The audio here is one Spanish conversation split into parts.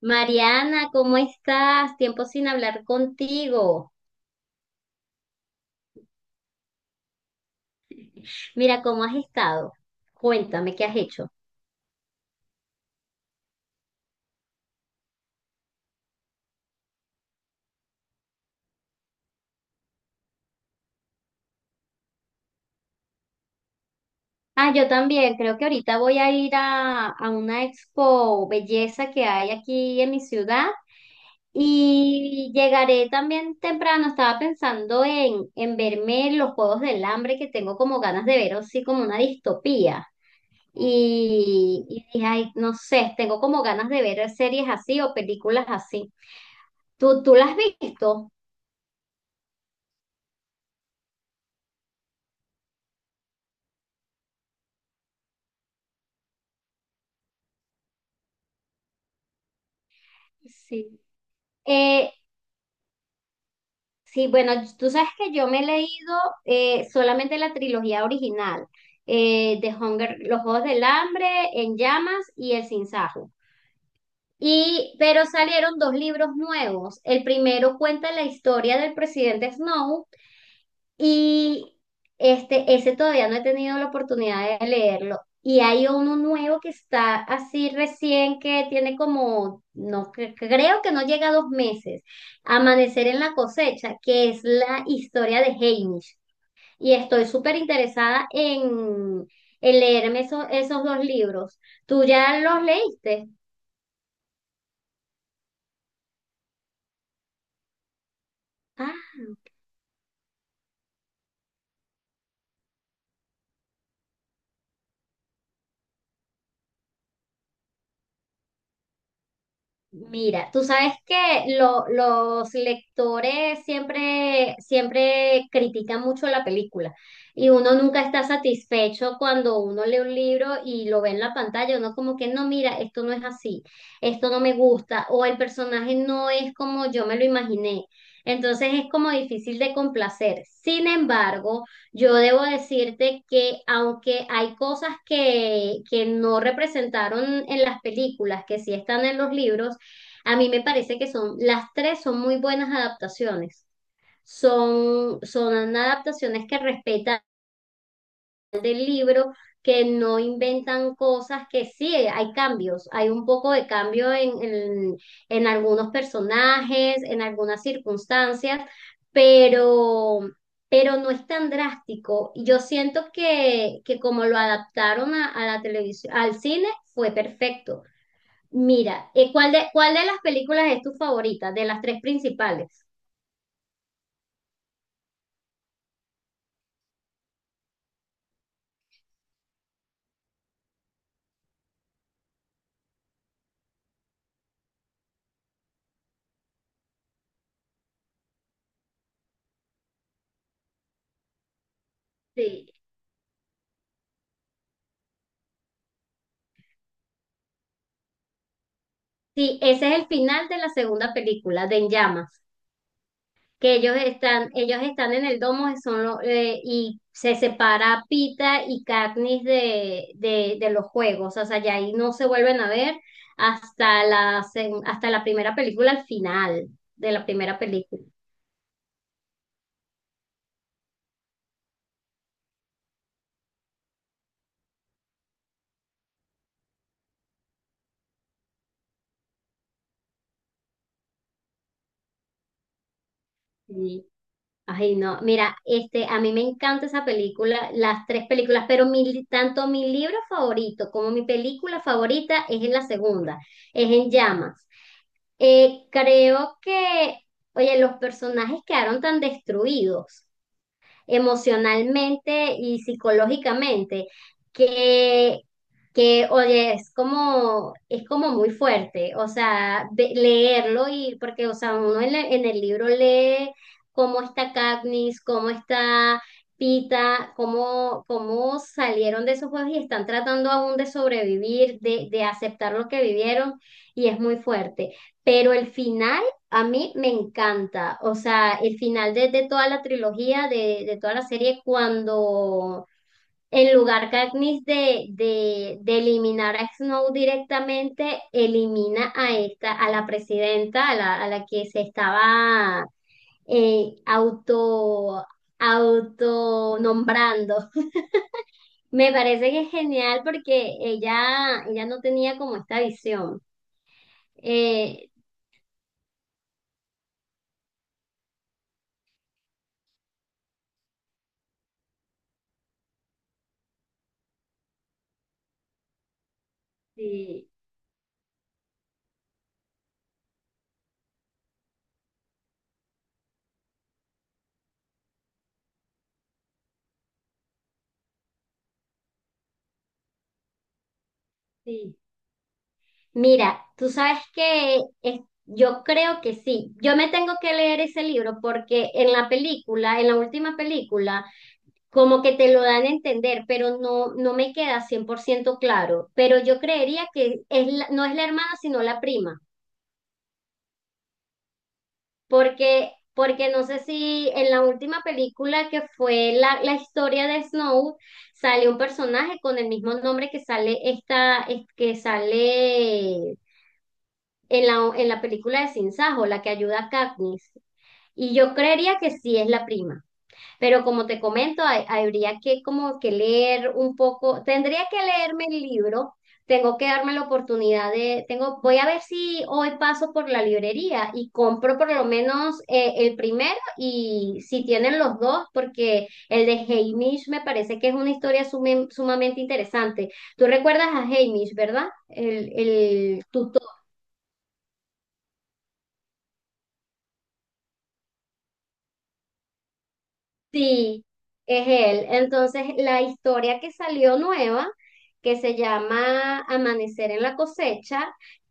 Mariana, ¿cómo estás? Tiempo sin hablar contigo. Mira, ¿cómo has estado? Cuéntame, ¿qué has hecho? Ah, yo también, creo que ahorita voy a ir a una expo belleza que hay aquí en mi ciudad y llegaré también temprano. Estaba pensando en verme los Juegos del Hambre que tengo como ganas de ver, así como una distopía. Y dije, ay, no sé, tengo como ganas de ver series así o películas así. ¿¿Tú las has visto? Sí. Eh, sí, bueno, tú sabes que yo me he leído solamente la trilogía original de Hunger, Los Juegos del Hambre, En Llamas y El Sinsajo. Y, pero salieron dos libros nuevos. El primero cuenta la historia del presidente Snow. Y ese todavía no he tenido la oportunidad de leerlo. Y hay uno nuevo que está así recién que tiene como, creo que no llega a 2 meses, Amanecer en la cosecha, que es la historia de Hamish. Y estoy súper interesada en leerme esos dos libros. ¿Tú ya los leíste? Ah. Mira, tú sabes que los lectores siempre critican mucho la película y uno nunca está satisfecho cuando uno lee un libro y lo ve en la pantalla, uno como que no, mira, esto no es así, esto no me gusta o el personaje no es como yo me lo imaginé. Entonces es como difícil de complacer. Sin embargo, yo debo decirte que aunque hay cosas que no representaron en las películas, que sí están en los libros, a mí me parece que las tres son muy buenas adaptaciones. Son adaptaciones que respetan del libro, que no inventan cosas, que sí, hay cambios, hay un poco de cambio en algunos personajes, en algunas circunstancias, pero, pero no es tan drástico. Y yo siento que como lo adaptaron a la televisión, al cine, fue perfecto. Mira, ¿cuál de las películas es tu favorita? De las tres principales. Sí, sí, ese es el final de la segunda película, de En Llamas, que ellos están en el domo son y se separa Pita y Katniss de los juegos, o sea, ya ahí no se vuelven a ver hasta la primera película, al final de la primera película. Sí. Ay, no, mira, a mí me encanta esa película, las tres películas, pero tanto mi libro favorito como mi película favorita es en la segunda, es en llamas. Creo que, oye, los personajes quedaron tan destruidos emocionalmente y psicológicamente, que, que oye, es como muy fuerte, o sea, leerlo y, porque, o sea, uno en el libro lee cómo está Katniss, cómo está Pita, cómo salieron de esos juegos y están tratando aún de sobrevivir, de aceptar lo que vivieron, y es muy fuerte. Pero el final a mí me encanta, o sea, el final de toda la trilogía, de toda la serie, cuando en lugar Katniss de eliminar a Snow directamente, elimina a esta, a la presidenta, a la que se estaba eh, auto, autonombrando. Me parece que es genial porque ella no tenía como esta visión. Eh, sí, sí. Mira, tú sabes que yo creo que sí. Yo me tengo que leer ese libro porque en la película, en la última película, como que te lo dan a entender, pero no, no me queda 100% claro. Pero yo creería que no es la hermana, sino la prima. Porque no sé si en la última película que fue la historia de Snow, sale un personaje con el mismo nombre que sale que sale en la película de Sin Sajo, la que ayuda a Katniss. Y yo creería que sí es la prima, pero como te comento, habría que como que leer un poco, tendría que leerme el libro, tengo que darme la oportunidad de, tengo, voy a ver si hoy paso por la librería y compro por lo menos el primero y si tienen los dos, porque el de Haymitch me parece que es una historia sumamente interesante. Tú recuerdas a Haymitch, ¿verdad? El, tu Sí, es él. Entonces, la historia que salió nueva, que se llama Amanecer en la cosecha,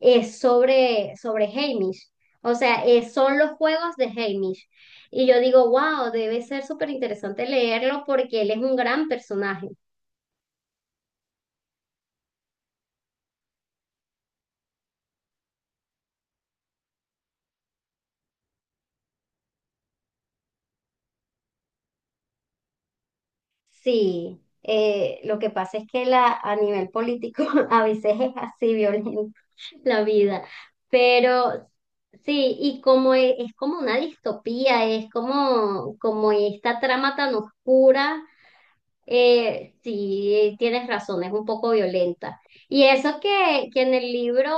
es sobre Hamish. O sea, son los juegos de Hamish. Y yo digo, wow, debe ser súper interesante leerlo porque él es un gran personaje. Sí, lo que pasa es que a nivel político a veces es así violenta la vida, pero sí, y como es, como una distopía, es como esta trama tan oscura. Sí, tienes razón, es un poco violenta. Y eso que en el libro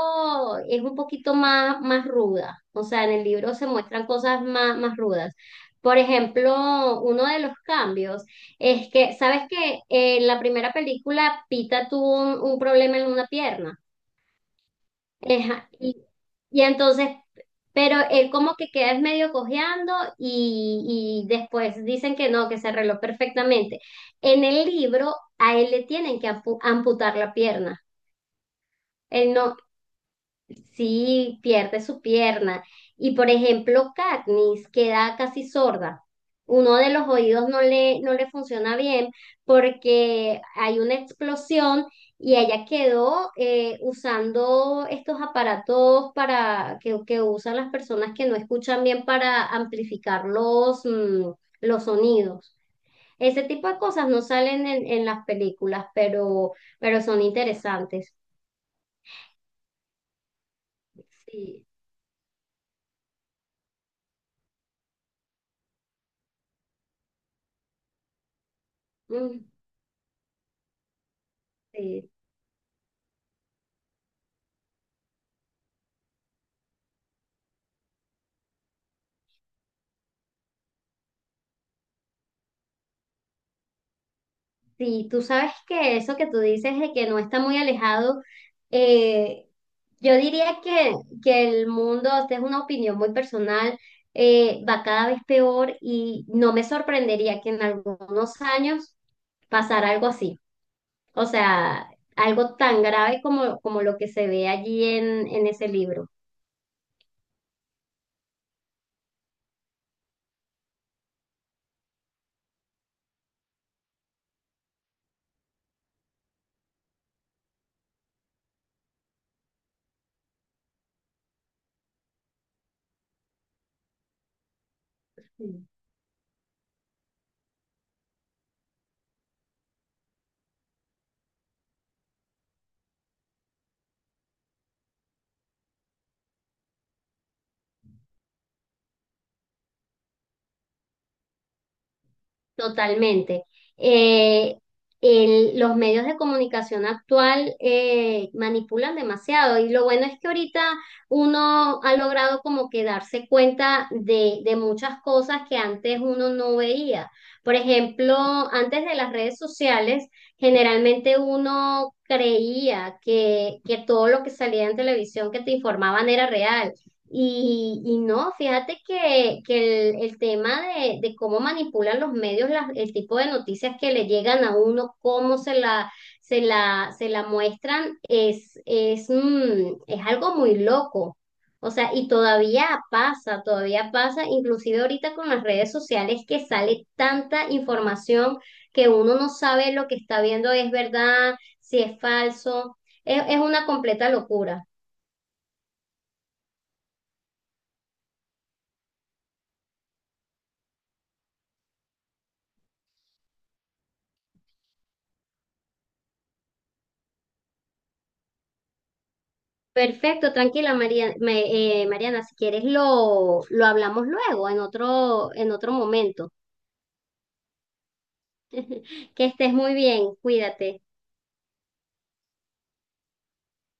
es un poquito más, más ruda, o sea, en el libro se muestran cosas más, más rudas. Por ejemplo, uno de los cambios es que, ¿sabes que en la primera película Pita tuvo un problema en una pierna? Eja y entonces, pero él como que queda es medio cojeando y después dicen que no, que se arregló perfectamente. En el libro a él le tienen que amputar la pierna. Él no. Sí, pierde su pierna. Y por ejemplo, Katniss queda casi sorda. Uno de los oídos no le funciona bien porque hay una explosión y ella quedó usando estos aparatos para que usan las personas que no escuchan bien para amplificar los sonidos. Ese tipo de cosas no salen en las películas, pero son interesantes. Sí. Mm. Sí, Sí, tú sabes que eso que tú dices de que no está muy alejado, eh, yo diría que el mundo, esta es una opinión muy personal, va cada vez peor y no me sorprendería que en algunos años pasara algo así. O sea, algo tan grave como lo que se ve allí en ese libro. Totalmente. Eh, los medios de comunicación actual manipulan demasiado y lo bueno es que ahorita uno ha logrado como que darse cuenta de muchas cosas que antes uno no veía. Por ejemplo, antes de las redes sociales, generalmente uno creía que todo lo que salía en televisión que te informaban era real. Y no, fíjate que el tema de cómo manipulan los medios el tipo de noticias que le llegan a uno, cómo se la muestran, es algo muy loco. O sea, y todavía pasa, inclusive ahorita con las redes sociales que sale tanta información que uno no sabe lo que está viendo es verdad, si es falso. Es una completa locura. Perfecto, tranquila Mariana, si quieres lo hablamos luego en otro momento. Que estés muy bien, cuídate.